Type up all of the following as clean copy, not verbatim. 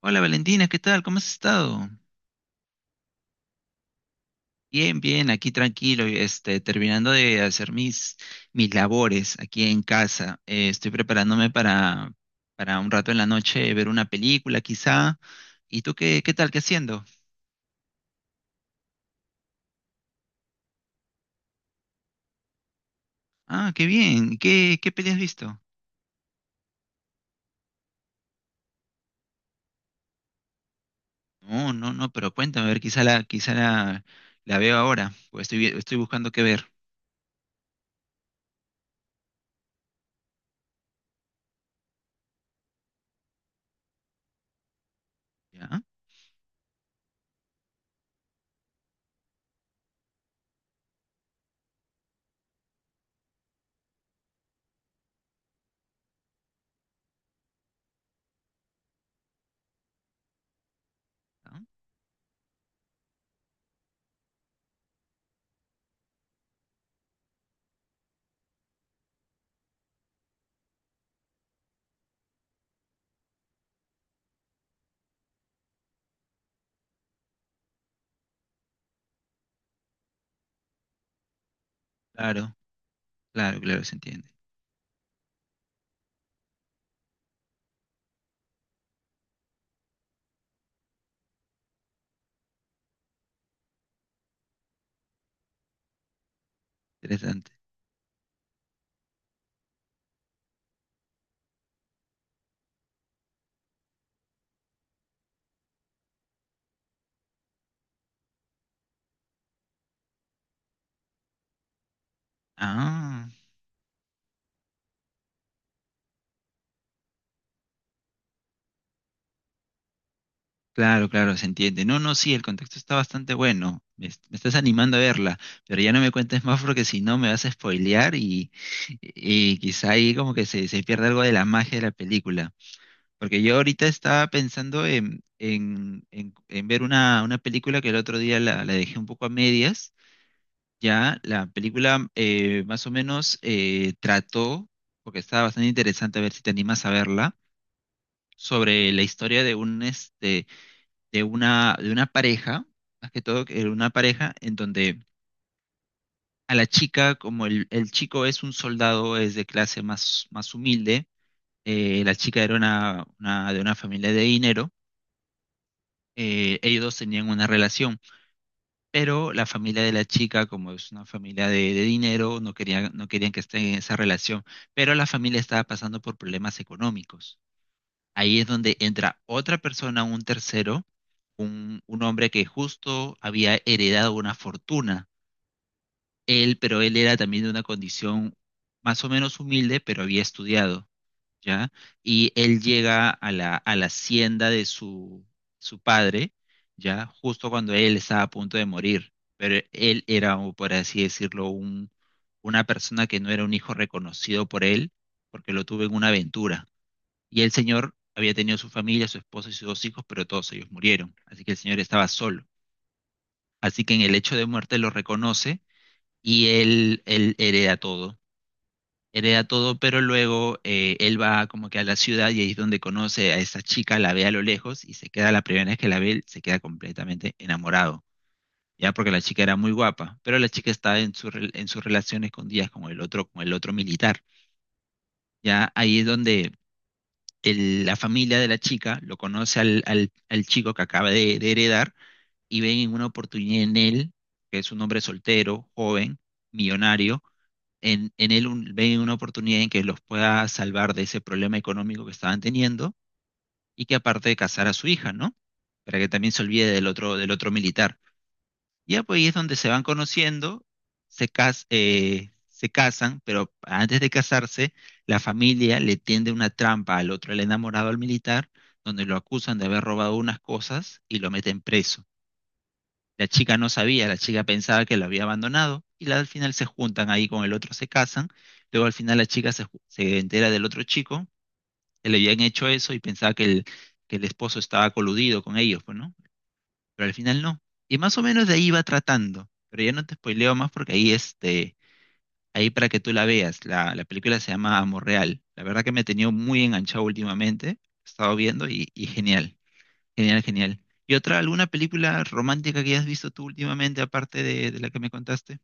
Hola Valentina, ¿qué tal? ¿Cómo has estado? Bien, bien, aquí tranquilo, terminando de hacer mis labores aquí en casa. Estoy preparándome para un rato en la noche ver una película quizá. ¿Y tú qué tal? ¿Qué haciendo? Ah, qué bien. ¿Qué peli has visto? No, no, no, pero cuéntame, a ver, quizá la veo ahora, porque estoy buscando qué ver. ¿Ya? Ah, claro, claro, claro, se entiende. Interesante. Ah. Claro, claro, se entiende. No, no, sí, el contexto está bastante bueno. Me estás animando a verla, pero ya no me cuentes más porque si no me vas a spoilear y quizá ahí como que se pierde algo de la magia de la película. Porque yo ahorita estaba pensando en ver una película que el otro día la dejé un poco a medias. Ya la película más o menos trató, porque estaba bastante interesante a ver si te animas a verla, sobre la historia de un este de una pareja, más que todo, que era una pareja en donde a la chica, como el chico es un soldado, es de clase más humilde, la chica era de una familia de dinero, ellos dos tenían una relación, pero la familia de la chica, como es una familia de dinero, no querían que estén en esa relación, pero la familia estaba pasando por problemas económicos. Ahí es donde entra otra persona, un tercero, un hombre que justo había heredado una fortuna. Pero él era también de una condición más o menos humilde, pero había estudiado, ¿ya? Y él llega a la hacienda de su padre, ¿ya? Justo cuando él estaba a punto de morir. Pero él era, o por así decirlo, una persona que no era un hijo reconocido por él, porque lo tuvo en una aventura. Y el señor había tenido su familia, su esposa y sus dos hijos, pero todos ellos murieron. Así que el señor estaba solo. Así que en el hecho de muerte lo reconoce y él hereda todo. Hereda todo, pero luego él va como que a la ciudad y ahí es donde conoce a esa chica, la ve a lo lejos y se queda, la primera vez que la ve, se queda completamente enamorado. Ya porque la chica era muy guapa, pero la chica estaba en sus relaciones escondidas con el otro militar. Ya ahí es donde la familia de la chica lo conoce al chico que acaba de heredar y ven una oportunidad en él, que es un hombre soltero, joven, millonario, ven una oportunidad en que los pueda salvar de ese problema económico que estaban teniendo y que aparte de casar a su hija, ¿no? Para que también se olvide del otro militar. Ya pues ahí es donde se van conociendo, se casan, pero antes de casarse, la familia le tiende una trampa al otro, el enamorado al militar, donde lo acusan de haber robado unas cosas y lo meten preso. La chica no sabía, la chica pensaba que lo había abandonado y al final se juntan ahí con el otro, se casan. Luego al final la chica se entera del otro chico que le habían hecho eso y pensaba que el esposo estaba coludido con ellos, pues, ¿no? Pero al final no. Y más o menos de ahí va tratando, pero ya no te spoileo más porque ahí para que tú la veas, la película se llama Amor Real. La verdad que me he tenido muy enganchado últimamente, he estado viendo y genial, genial, genial. ¿Y alguna película romántica que hayas visto tú últimamente, aparte de la que me contaste?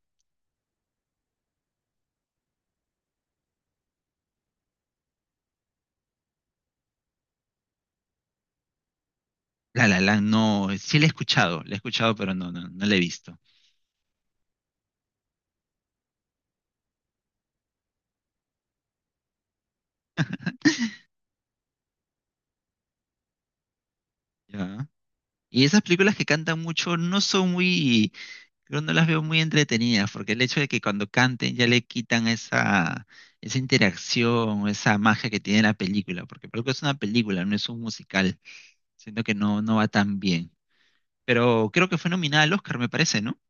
La La Land, no, sí la he escuchado, pero no, no, no la he visto. ¿Ya? Y esas películas que cantan mucho no son muy. Pero no las veo muy entretenidas, porque el hecho de que cuando canten ya le quitan esa interacción, o esa magia que tiene la película, porque por algo es una película, no es un musical. Siento que no va tan bien. Pero creo que fue nominada al Oscar, me parece, ¿no?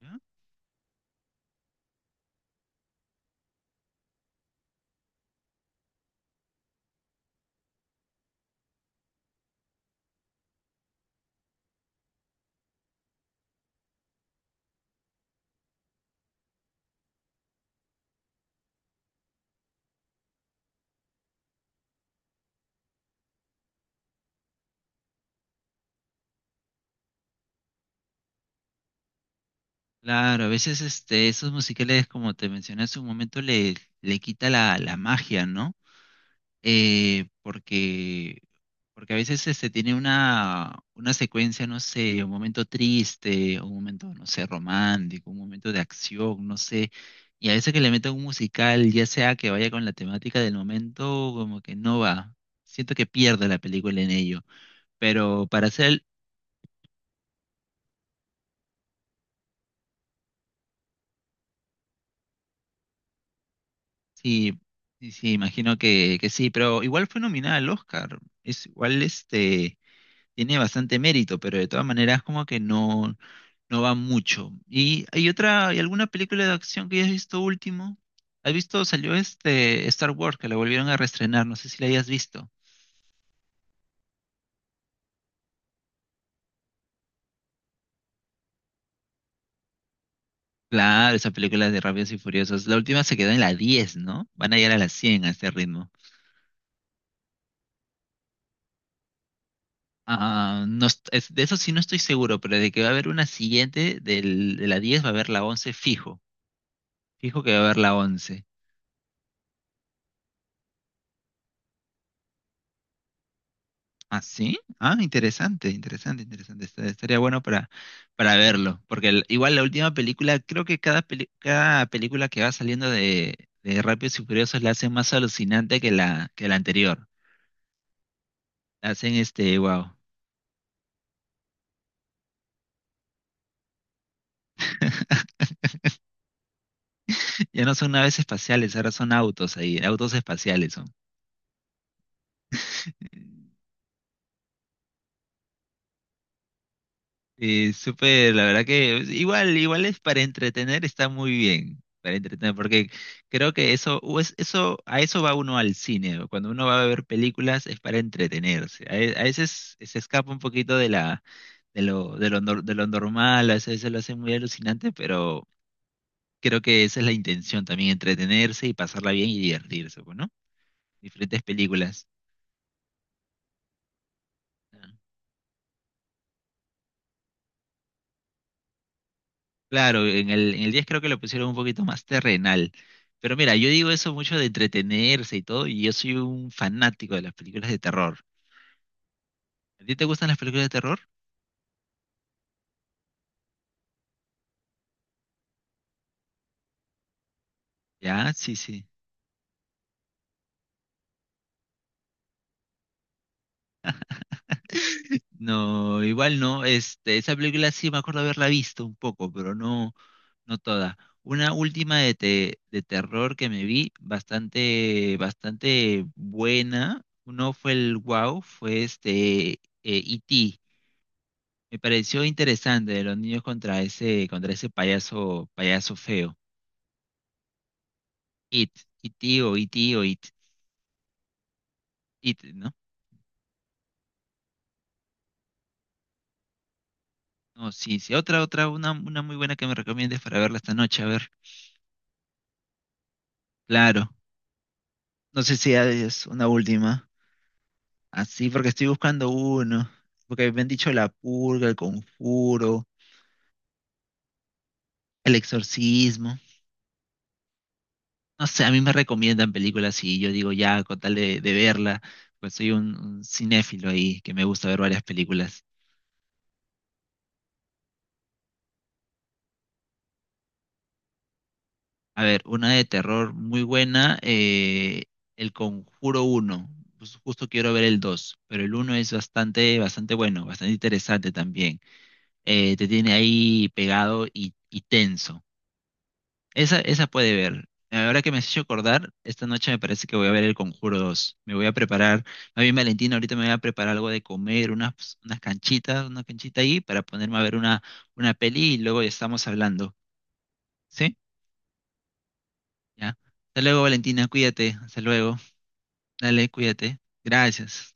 ¿Ya? Claro, a veces esos musicales, como te mencioné hace un momento, le quita la magia, ¿no? eh, porque, porque a veces tiene una secuencia, no sé, un momento triste, un momento, no sé, romántico, un momento de acción, no sé, y a veces que le meten un musical, ya sea que vaya con la temática del momento, como que no va. Siento que pierde la película en ello, pero para hacer, sí, sí, sí, imagino que sí, pero igual fue nominada al Oscar, es igual tiene bastante mérito, pero de todas maneras como que no va mucho. ¿Y hay alguna película de acción que hayas visto último? ¿Has visto? Salió Star Wars, que la volvieron a reestrenar, no sé si la hayas visto. Claro, esa película de Rápidos y Furiosos. La última se quedó en la 10, ¿no? Van a llegar a las 100 a este ritmo. Ah, no, de eso sí no estoy seguro, pero de que va a haber una siguiente de la 10 va a haber la 11 fijo. Fijo que va a haber la 11. ¿Ah, sí? Ah, interesante, interesante, interesante. Estaría bueno para verlo. Porque igual la última película, creo que cada película que va saliendo de Rápidos y Furiosos la hacen más alucinante que la anterior. La hacen wow. Ya no son naves espaciales, ahora son autos ahí, autos espaciales son. Sí, súper, la verdad que igual, igual es para entretener, está muy bien, para entretener, porque creo que eso, a eso va uno al cine, o cuando uno va a ver películas es para entretenerse, a veces se escapa un poquito de la, de lo, nor- de lo normal, a veces se lo hace muy alucinante, pero creo que esa es la intención también, entretenerse y pasarla bien y divertirse, pues, ¿no? Diferentes películas. Claro, en el 10 creo que lo pusieron un poquito más terrenal. Pero mira, yo digo eso mucho de entretenerse y todo, y yo soy un fanático de las películas de terror. ¿A ti te gustan las películas de terror? Ya, sí, sí. No, igual no. Esa película sí me acuerdo haberla visto un poco, pero no toda. Una última de terror que me vi, bastante buena. Uno fue el Wow, fue E.T. Me pareció interesante de los niños contra ese payaso, payaso feo. It, it, o it, o it, it, ¿no? No, sí, sí. Otra, una muy buena que me recomiendes para verla esta noche. A ver, claro. No sé si es una última. Así, porque estoy buscando uno. Porque me han dicho La Purga, El Conjuro, El Exorcismo. No sé, a mí me recomiendan películas y yo digo ya, con tal de verla, pues soy un cinéfilo ahí que me gusta ver varias películas. A ver, una de terror muy buena, El Conjuro uno. Pues justo quiero ver el 2, pero el uno es bastante bueno, bastante interesante también. Te tiene ahí pegado y tenso. Esa puede ver. Ahora que me has hecho acordar, esta noche me parece que voy a ver El Conjuro 2. Me voy a preparar, más bien Valentina, ahorita me voy a preparar algo de comer, unas canchitas, una canchita ahí para ponerme a ver una peli y luego ya estamos hablando. ¿Sí? Ya. Hasta luego, Valentina, cuídate. Hasta luego. Dale, cuídate. Gracias.